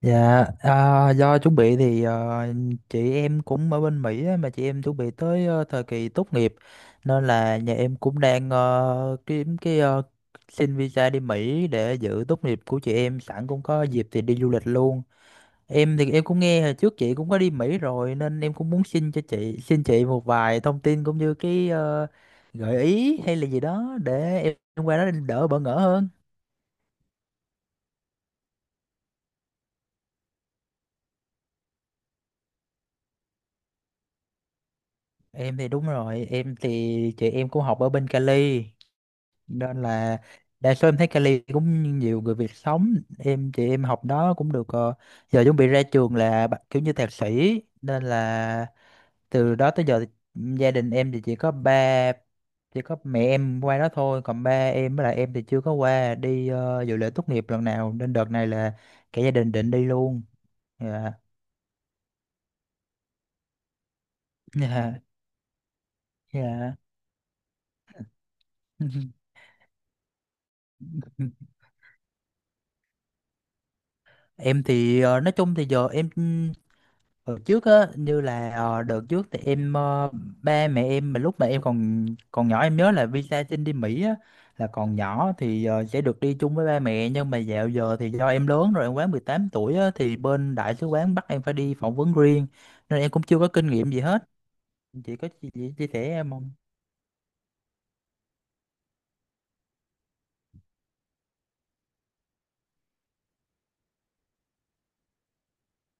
Dạ, do chuẩn bị thì chị em cũng ở bên Mỹ á, mà chị em chuẩn bị tới thời kỳ tốt nghiệp, nên là nhà em cũng đang kiếm cái xin visa đi Mỹ để dự tốt nghiệp của chị em, sẵn cũng có dịp thì đi du lịch luôn. Em thì em cũng nghe hồi trước chị cũng có đi Mỹ rồi nên em cũng muốn xin cho chị, xin chị một vài thông tin cũng như cái gợi ý hay là gì đó để em qua đó đỡ bỡ ngỡ hơn. Em thì đúng rồi, em thì chị em cũng học ở bên Cali, nên là đa số em thấy Cali cũng nhiều người Việt sống, em chị em học đó cũng được, giờ chuẩn bị ra trường là kiểu như thạc sĩ, nên là từ đó tới giờ thì gia đình em thì chỉ có mẹ em qua đó thôi, còn ba em với lại em thì chưa có qua đi dự lễ tốt nghiệp lần nào, nên đợt này là cả gia đình định đi luôn. Dạ. Dạ. Dạ. Em thì nói chung thì giờ hồi trước á, như là đợt trước thì ba mẹ em mà lúc mà em còn còn nhỏ, em nhớ là visa xin đi Mỹ á, là còn nhỏ thì sẽ được đi chung với ba mẹ, nhưng mà dạo giờ thì do em lớn rồi, em quá 18 tuổi á, thì bên đại sứ quán bắt em phải đi phỏng vấn riêng, nên em cũng chưa có kinh nghiệm gì hết. Chị có chị chia sẻ em không?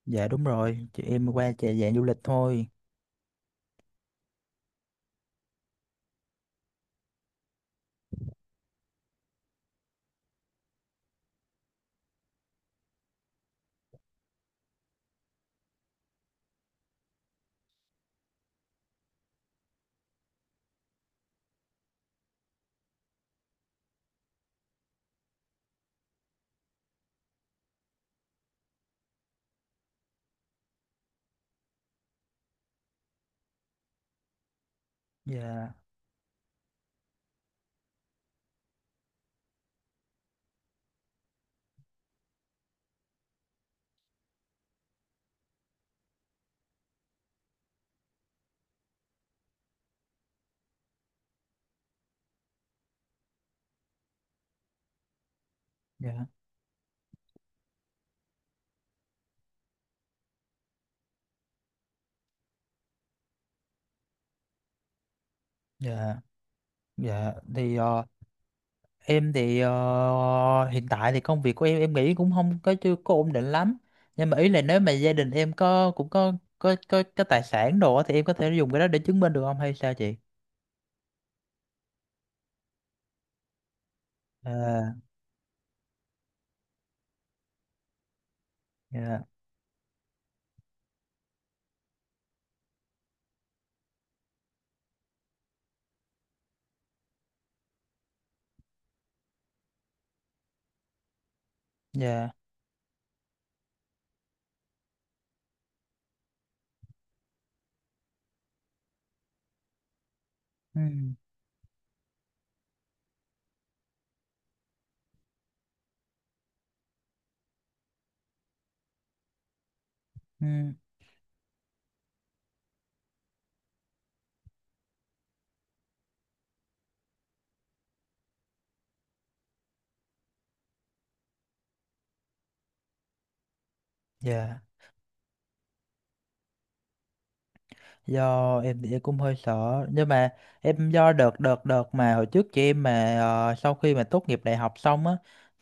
Dạ đúng rồi, chị em qua chạy dạng du lịch thôi. Dạ. Dạ. Dạ. Dạ thì em thì hiện tại thì công việc của em nghĩ cũng không có, chưa có ổn định lắm. Nhưng mà ý là nếu mà gia đình em có, cũng có có tài sản đồ á, thì em có thể dùng cái đó để chứng minh được không hay sao chị? À, dạ, dạ. Ừ, ừ, dạ. Do em thì em cũng hơi sợ, nhưng mà em do đợt đợt đợt mà hồi trước chị em mà sau khi mà tốt nghiệp đại học xong á,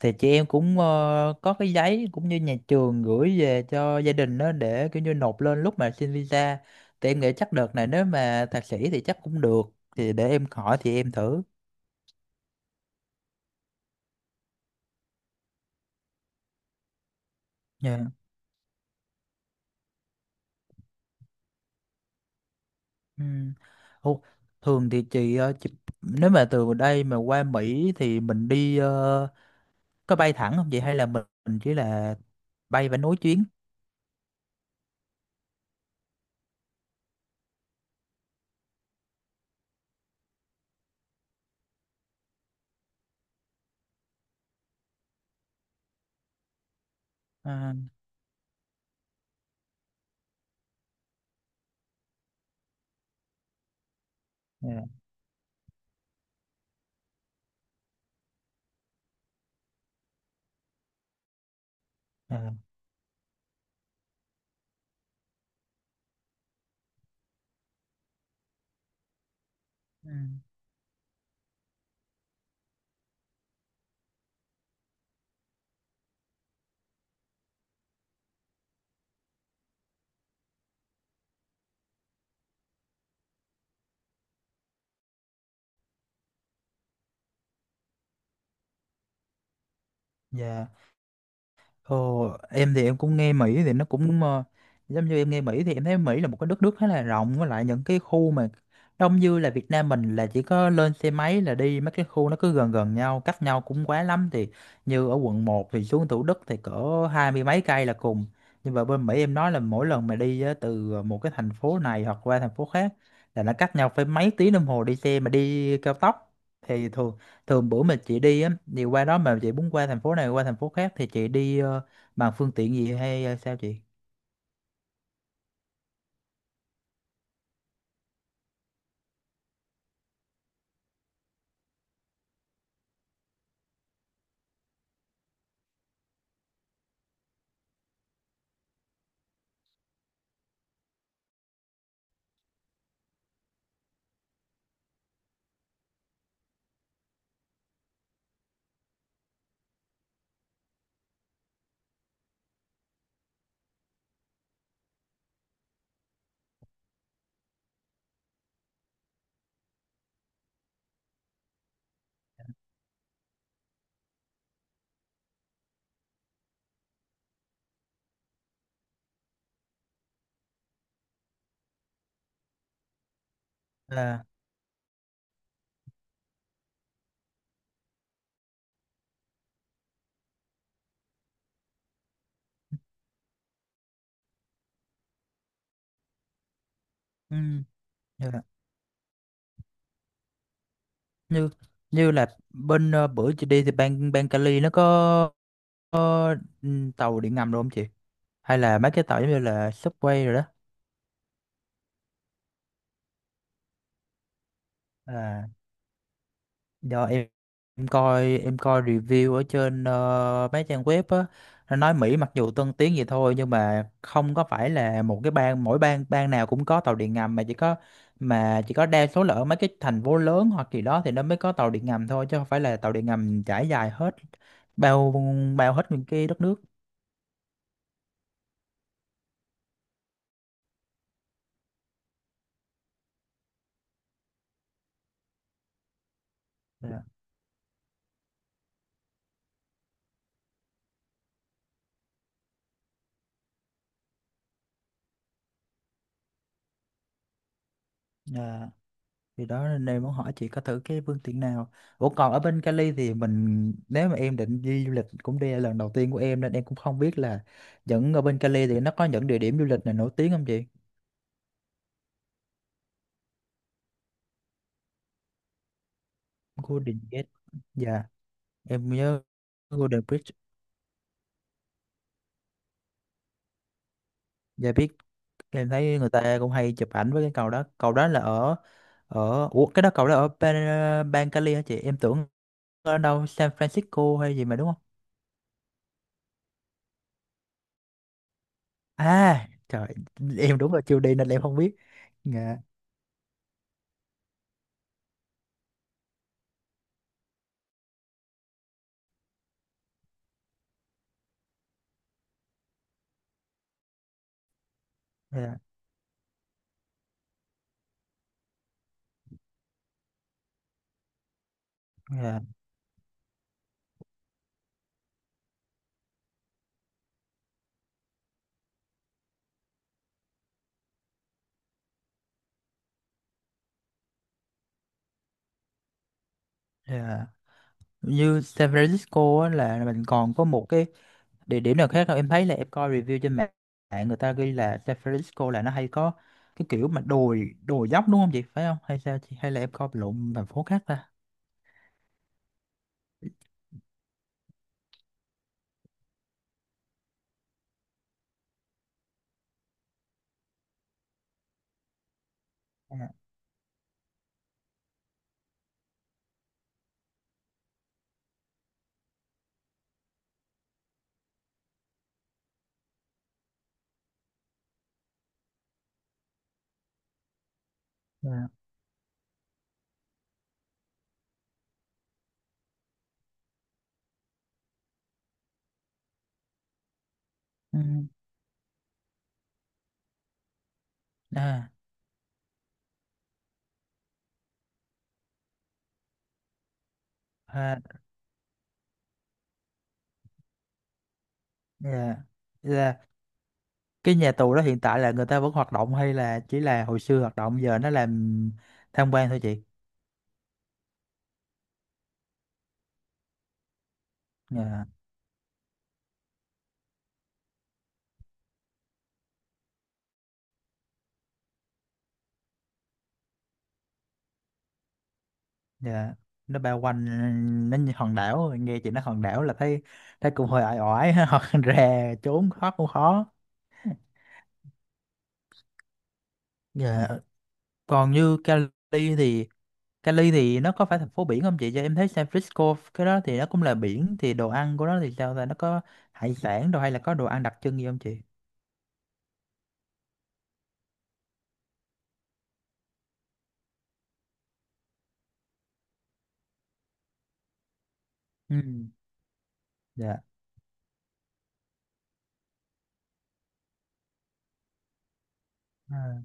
thì chị em cũng có cái giấy cũng như nhà trường gửi về cho gia đình đó để kiểu như nộp lên lúc mà xin visa, thì em nghĩ chắc đợt này nếu mà thạc sĩ thì chắc cũng được, thì để em hỏi thì em thử. Dạ. Ừ. Ồ, thường thì chị, chị, nếu mà từ đây mà qua Mỹ thì mình đi có bay thẳng không chị, hay là mình chỉ là bay và nối chuyến? À, dạ, à, ừ, dạ. Ồ, em thì em cũng nghe Mỹ thì nó cũng giống như em nghe Mỹ thì em thấy Mỹ là một cái đất nước khá là rộng, với lại những cái khu mà đông như là Việt Nam mình là chỉ có lên xe máy là đi, mấy cái khu nó cứ gần gần nhau, cách nhau cũng quá lắm thì như ở quận một thì xuống Thủ Đức thì cỡ 20 mấy cây là cùng, nhưng mà bên Mỹ em nói là mỗi lần mà đi á, từ một cái thành phố này hoặc qua thành phố khác là nó cách nhau phải mấy tiếng đồng hồ đi xe mà đi cao tốc. Thì thường thường bữa mà chị đi á, thì qua đó mà chị muốn qua thành phố này qua thành phố khác thì chị đi bằng phương tiện gì hay sao chị? Là ừ, như là như như là bên bữa chị đi thì bang bang Cali nó có ừ, tàu điện ngầm rồi không chị, hay là mấy cái tàu giống như là subway rồi? Đó. Do em, em coi review ở trên mấy trang web á, nó nói Mỹ mặc dù tân tiến vậy thôi, nhưng mà không có phải là một cái bang, mỗi bang bang nào cũng có tàu điện ngầm, mà chỉ có, mà chỉ có đa số là ở mấy cái thành phố lớn hoặc gì đó thì nó mới có tàu điện ngầm thôi, chứ không phải là tàu điện ngầm trải dài hết bao bao hết những cái đất nước. Dạ. Ờ. Thì đó nên em muốn hỏi chị có thử cái phương tiện nào. Ủa còn ở bên Cali thì mình, nếu mà em định đi du lịch, cũng đây là lần đầu tiên của em nên em cũng không biết là những, ở bên Cali thì nó có những địa điểm du lịch nào nổi tiếng không chị? Golden Gate. Dạ, em nhớ Golden Bridge. Dạ biết. Em thấy người ta cũng hay chụp ảnh với cái cầu đó. Cầu đó là ở ở, ủa cái đó cầu đó ở bang Cali hả chị? Em tưởng ở đâu San Francisco hay gì mà đúng không? À, trời, em đúng là chưa đi nên em không biết. Dạ. Dạ. Dạ. Yeah. Như San Francisco á, là mình còn có một cái địa điểm nào khác không? Em thấy là em coi review trên mạng mạng người ta ghi là San Francisco là nó hay có cái kiểu mà đồi đồi dốc đúng không chị? Phải không? Hay sao chị? Hay là em coi lộn thành phố khác ta? Dạ, dạ. Ừ. À, à, dạ. Dạ. Cái nhà tù đó hiện tại là người ta vẫn hoạt động hay là chỉ là hồi xưa hoạt động giờ nó làm tham quan thôi chị? Dạ. Dạ, nó bao quanh, nó như hòn đảo, nghe chị nói hòn đảo là thấy, thấy cũng hơi ỏi ỏi hoặc rè trốn thoát cũng khó. Dạ còn như Cali thì nó có phải thành phố biển không chị, cho em thấy San Francisco cái đó thì nó cũng là biển, thì đồ ăn của nó thì sao ta, nó có hải sản đồ hay là có đồ ăn đặc trưng gì không chị? Ừ. Dạ. À,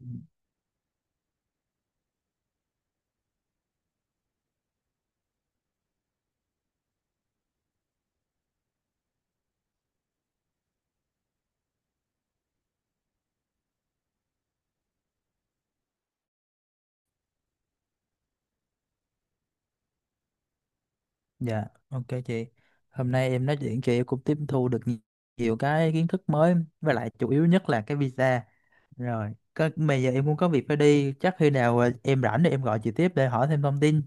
ừ. Dạ ok chị, hôm nay em nói chuyện chị cũng tiếp thu được nhiều cái kiến thức mới, với lại chủ yếu nhất là cái visa, rồi có bây giờ em cũng có việc phải đi, chắc khi nào em rảnh thì em gọi chị tiếp để hỏi thêm thông tin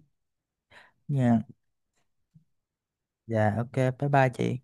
nha. Dạ ok bye bye chị.